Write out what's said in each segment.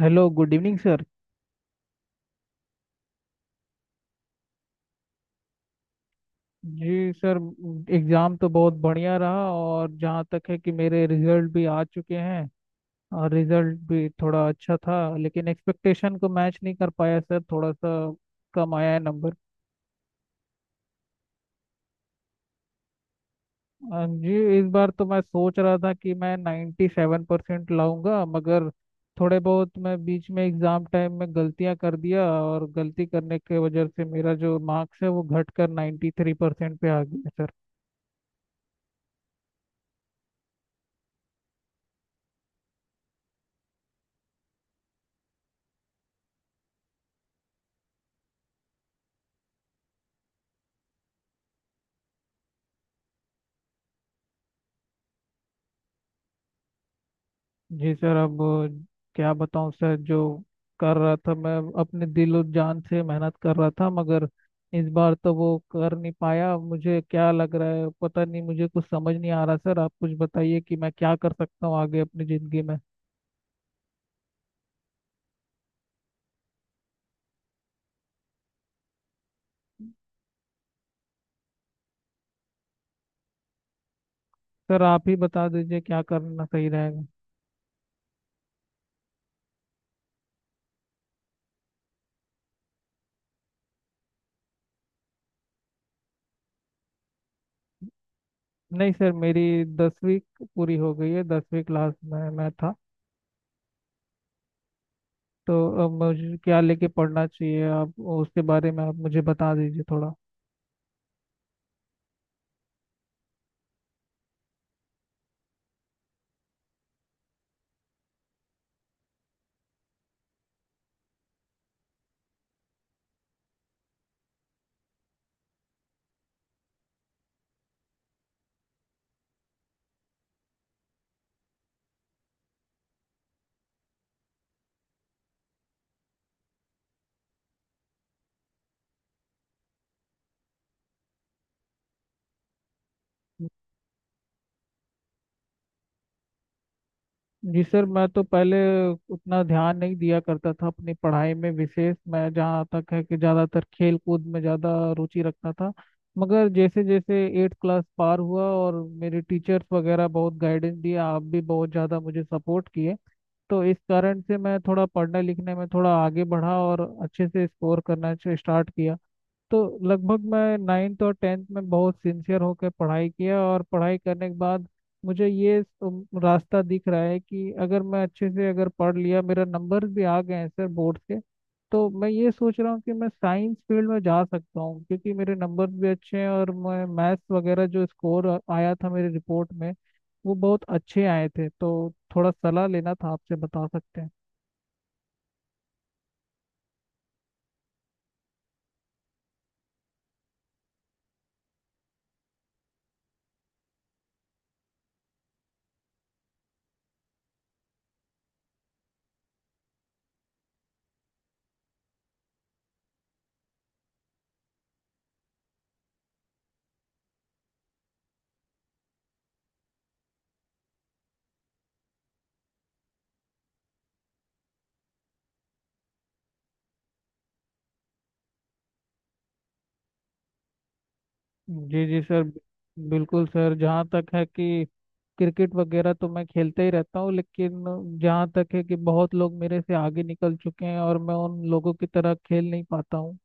Hello good evening sir. जी sir, exam तो बहुत बढ़िया रहा और जहाँ तक है कि मेरे रिजल्ट भी आ चुके हैं। और रिजल्ट भी थोड़ा अच्छा था लेकिन एक्सपेक्टेशन को मैच नहीं कर पाया सर, थोड़ा सा कम आया है नंबर। जी इस बार तो मैं सोच रहा था कि मैं 97% लाऊंगा, मगर थोड़े बहुत मैं बीच में एग्ज़ाम टाइम में गलतियां कर दिया और गलती करने के वजह से मेरा जो मार्क्स है वो घट कर 93% पे आ गया सर। जी सर, अब क्या बताऊं सर, जो कर रहा था मैं अपने दिल और जान से मेहनत कर रहा था, मगर इस बार तो वो कर नहीं पाया। मुझे क्या लग रहा है पता नहीं, मुझे कुछ समझ नहीं आ रहा। सर आप कुछ बताइए कि मैं क्या कर सकता हूँ आगे अपनी ज़िंदगी में। सर आप ही बता दीजिए क्या करना सही रहेगा। नहीं सर, मेरी दसवीं पूरी हो गई है, दसवीं क्लास में मैं था। तो अब मुझे क्या लेके पढ़ना चाहिए, आप उसके बारे में आप मुझे बता दीजिए थोड़ा। जी सर, मैं तो पहले उतना ध्यान नहीं दिया करता था अपनी पढ़ाई में विशेष, मैं जहाँ तक है कि ज़्यादातर खेल कूद में ज़्यादा रुचि रखता था। मगर जैसे जैसे 8 क्लास पार हुआ और मेरे टीचर्स वगैरह बहुत गाइडेंस दिए, आप भी बहुत ज़्यादा मुझे सपोर्ट किए, तो इस कारण से मैं थोड़ा पढ़ने लिखने में थोड़ा आगे बढ़ा और अच्छे से स्कोर करना स्टार्ट किया। तो लगभग मैं नाइन्थ और टेंथ में बहुत सिंसियर होकर पढ़ाई किया, और पढ़ाई करने के बाद मुझे ये रास्ता दिख रहा है कि अगर मैं अच्छे से अगर पढ़ लिया, मेरा नंबर भी आ गए हैं सर बोर्ड के, तो मैं ये सोच रहा हूँ कि मैं साइंस फील्ड में जा सकता हूँ, क्योंकि मेरे नंबर भी अच्छे हैं और मैं मैथ्स वगैरह जो स्कोर आया था मेरी रिपोर्ट में वो बहुत अच्छे आए थे। तो थोड़ा सलाह लेना था आपसे, बता सकते हैं? जी जी सर। बिल्कुल सर, जहाँ तक है कि क्रिकेट वगैरह तो मैं खेलते ही रहता हूँ, लेकिन जहाँ तक है कि बहुत लोग मेरे से आगे निकल चुके हैं और मैं उन लोगों की तरह खेल नहीं पाता हूँ।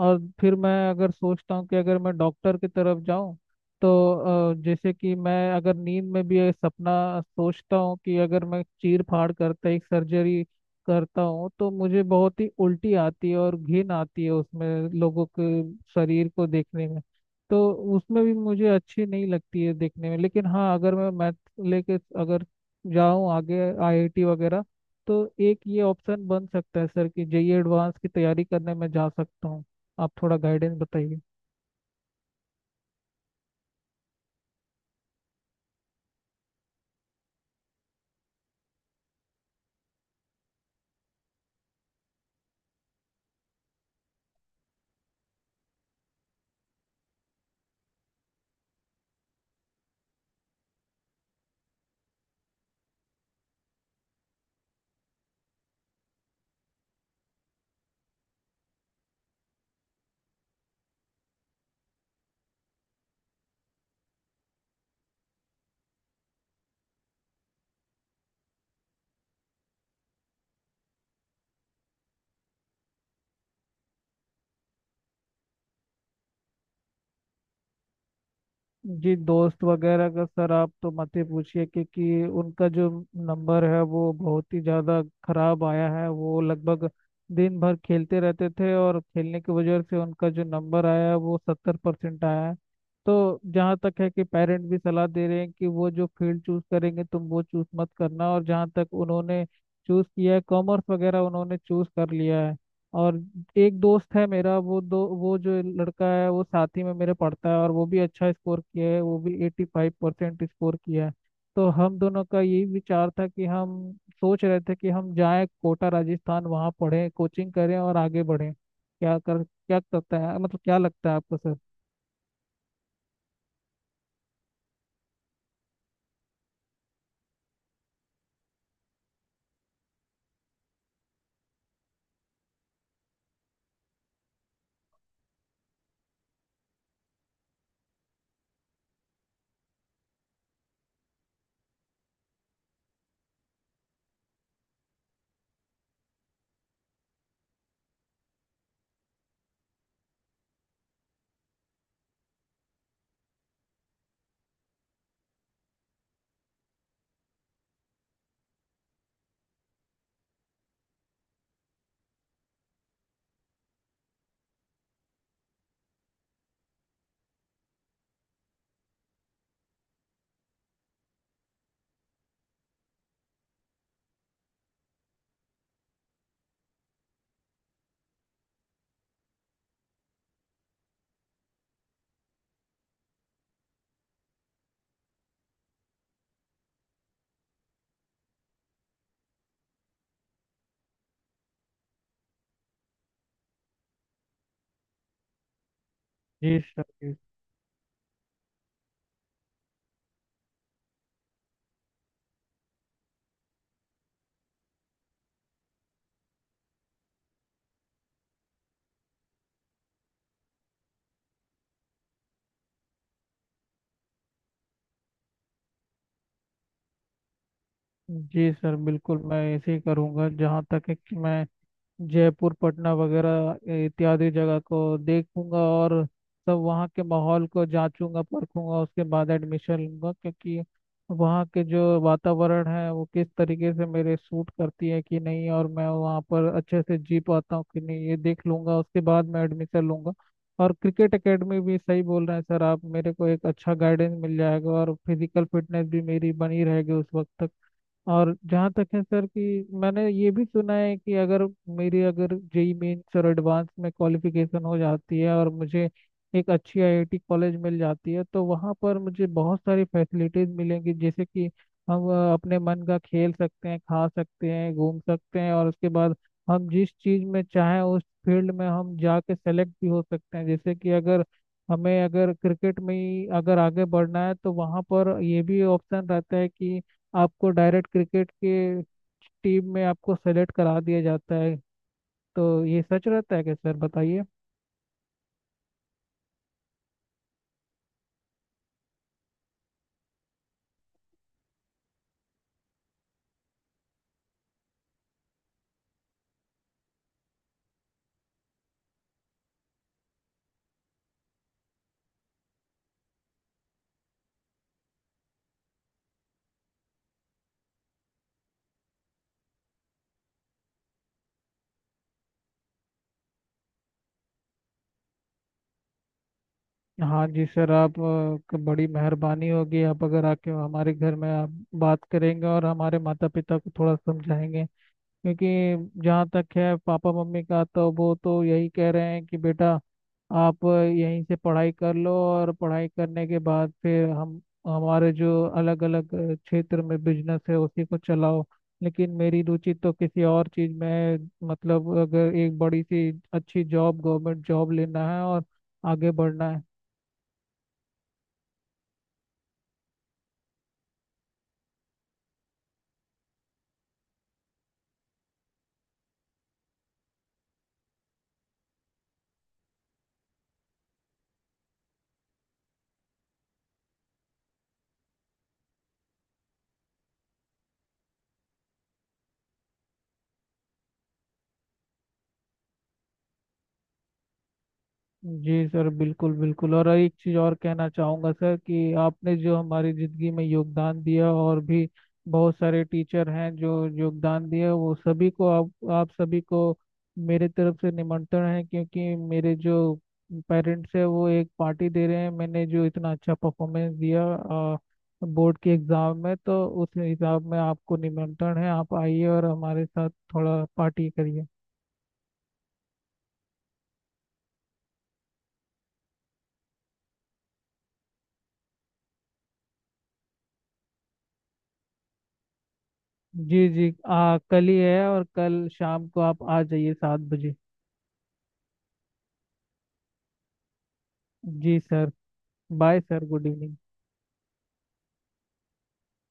और फिर मैं अगर सोचता हूँ कि अगर मैं डॉक्टर की तरफ जाऊँ, तो जैसे कि मैं अगर नींद में भी एक सपना सोचता हूँ कि अगर मैं चीर फाड़ करता, एक सर्जरी करता हूँ, तो मुझे बहुत ही उल्टी आती है और घिन आती है उसमें लोगों के शरीर को देखने में। तो उसमें भी मुझे अच्छी नहीं लगती है देखने में। लेकिन हाँ, अगर मैं लेके अगर जाऊँ आगे आईआईटी वगैरह, तो एक ये ऑप्शन बन सकता है सर कि जेईई एडवांस की तैयारी करने में जा सकता हूँ। आप थोड़ा गाइडेंस बताइए। जी दोस्त वगैरह का सर आप तो मत ही पूछिए, क्योंकि उनका जो नंबर है वो बहुत ही ज़्यादा खराब आया है। वो लगभग दिन भर खेलते रहते थे और खेलने की वजह से उनका जो नंबर आया है वो 70% आया है। तो जहाँ तक है कि पेरेंट भी सलाह दे रहे हैं कि वो जो फील्ड चूज करेंगे तुम वो चूज मत करना, और जहाँ तक उन्होंने चूज किया है कॉमर्स वगैरह उन्होंने चूज कर लिया है। और एक दोस्त है मेरा, वो दो वो जो लड़का है वो साथ ही में मेरे पढ़ता है, और वो भी अच्छा स्कोर किया है, वो भी 85% स्कोर किया है। तो हम दोनों का यही विचार था कि हम सोच रहे थे कि हम जाएं कोटा राजस्थान, वहाँ पढ़ें, कोचिंग करें और आगे बढ़ें। क्या करता है, मतलब क्या लगता है आपको सर? जी सर। जी जी सर, बिल्कुल मैं ऐसे ही करूँगा। जहाँ तक है कि मैं जयपुर पटना वगैरह इत्यादि जगह को देखूंगा और सब वहाँ के माहौल को जांचूंगा परखूंगा, उसके बाद एडमिशन लूंगा, क्योंकि वहाँ के जो वातावरण है वो किस तरीके से मेरे सूट करती है कि नहीं, और मैं वहाँ पर अच्छे से जी पाता हूँ कि नहीं, ये देख लूंगा उसके बाद मैं एडमिशन लूंगा। और क्रिकेट एकेडमी भी सही बोल रहे हैं सर आप, मेरे को एक अच्छा गाइडेंस मिल जाएगा और फिजिकल फिटनेस भी मेरी बनी रहेगी उस वक्त तक। और जहाँ तक है सर कि मैंने ये भी सुना है कि अगर मेरी अगर जेई मेंस और एडवांस में क्वालिफिकेशन हो जाती है और मुझे एक अच्छी आईआईटी कॉलेज मिल जाती है, तो वहाँ पर मुझे बहुत सारी फैसिलिटीज मिलेंगी, जैसे कि हम अपने मन का खेल सकते हैं, खा सकते हैं, घूम सकते हैं, और उसके बाद हम जिस चीज़ में चाहें उस फील्ड में हम जाके सेलेक्ट भी हो सकते हैं। जैसे कि अगर हमें अगर क्रिकेट में ही अगर आगे बढ़ना है, तो वहाँ पर ये भी ऑप्शन रहता है कि आपको डायरेक्ट क्रिकेट के टीम में आपको सेलेक्ट करा दिया जाता है। तो ये सच रहता है क्या सर, बताइए? हाँ जी सर, आप बड़ी मेहरबानी होगी, आप अगर आके हमारे घर में आप बात करेंगे और हमारे माता पिता को थोड़ा समझाएंगे। क्योंकि जहाँ तक है पापा मम्मी का, तो वो तो यही कह रहे हैं कि बेटा आप यहीं से पढ़ाई कर लो, और पढ़ाई करने के बाद फिर हम हमारे जो अलग अलग क्षेत्र में बिजनेस है उसी को चलाओ। लेकिन मेरी रुचि तो किसी और चीज़ में है, मतलब अगर एक बड़ी सी अच्छी जॉब, गवर्नमेंट जॉब लेना है और आगे बढ़ना है। जी सर, बिल्कुल बिल्कुल। और एक चीज़ और कहना चाहूँगा सर कि आपने जो हमारी ज़िंदगी में योगदान दिया, और भी बहुत सारे टीचर हैं जो योगदान दिए, वो सभी को, आप सभी को मेरे तरफ से निमंत्रण है, क्योंकि मेरे जो पेरेंट्स है वो एक पार्टी दे रहे हैं। मैंने जो इतना अच्छा परफॉर्मेंस दिया बोर्ड के एग्ज़ाम में, तो उस हिसाब में आपको निमंत्रण है, आप आइए और हमारे साथ थोड़ा पार्टी करिए। जी जी, कल ही है, और कल शाम को आप आ जाइए 7 बजे। जी sir, bye sir, good evening.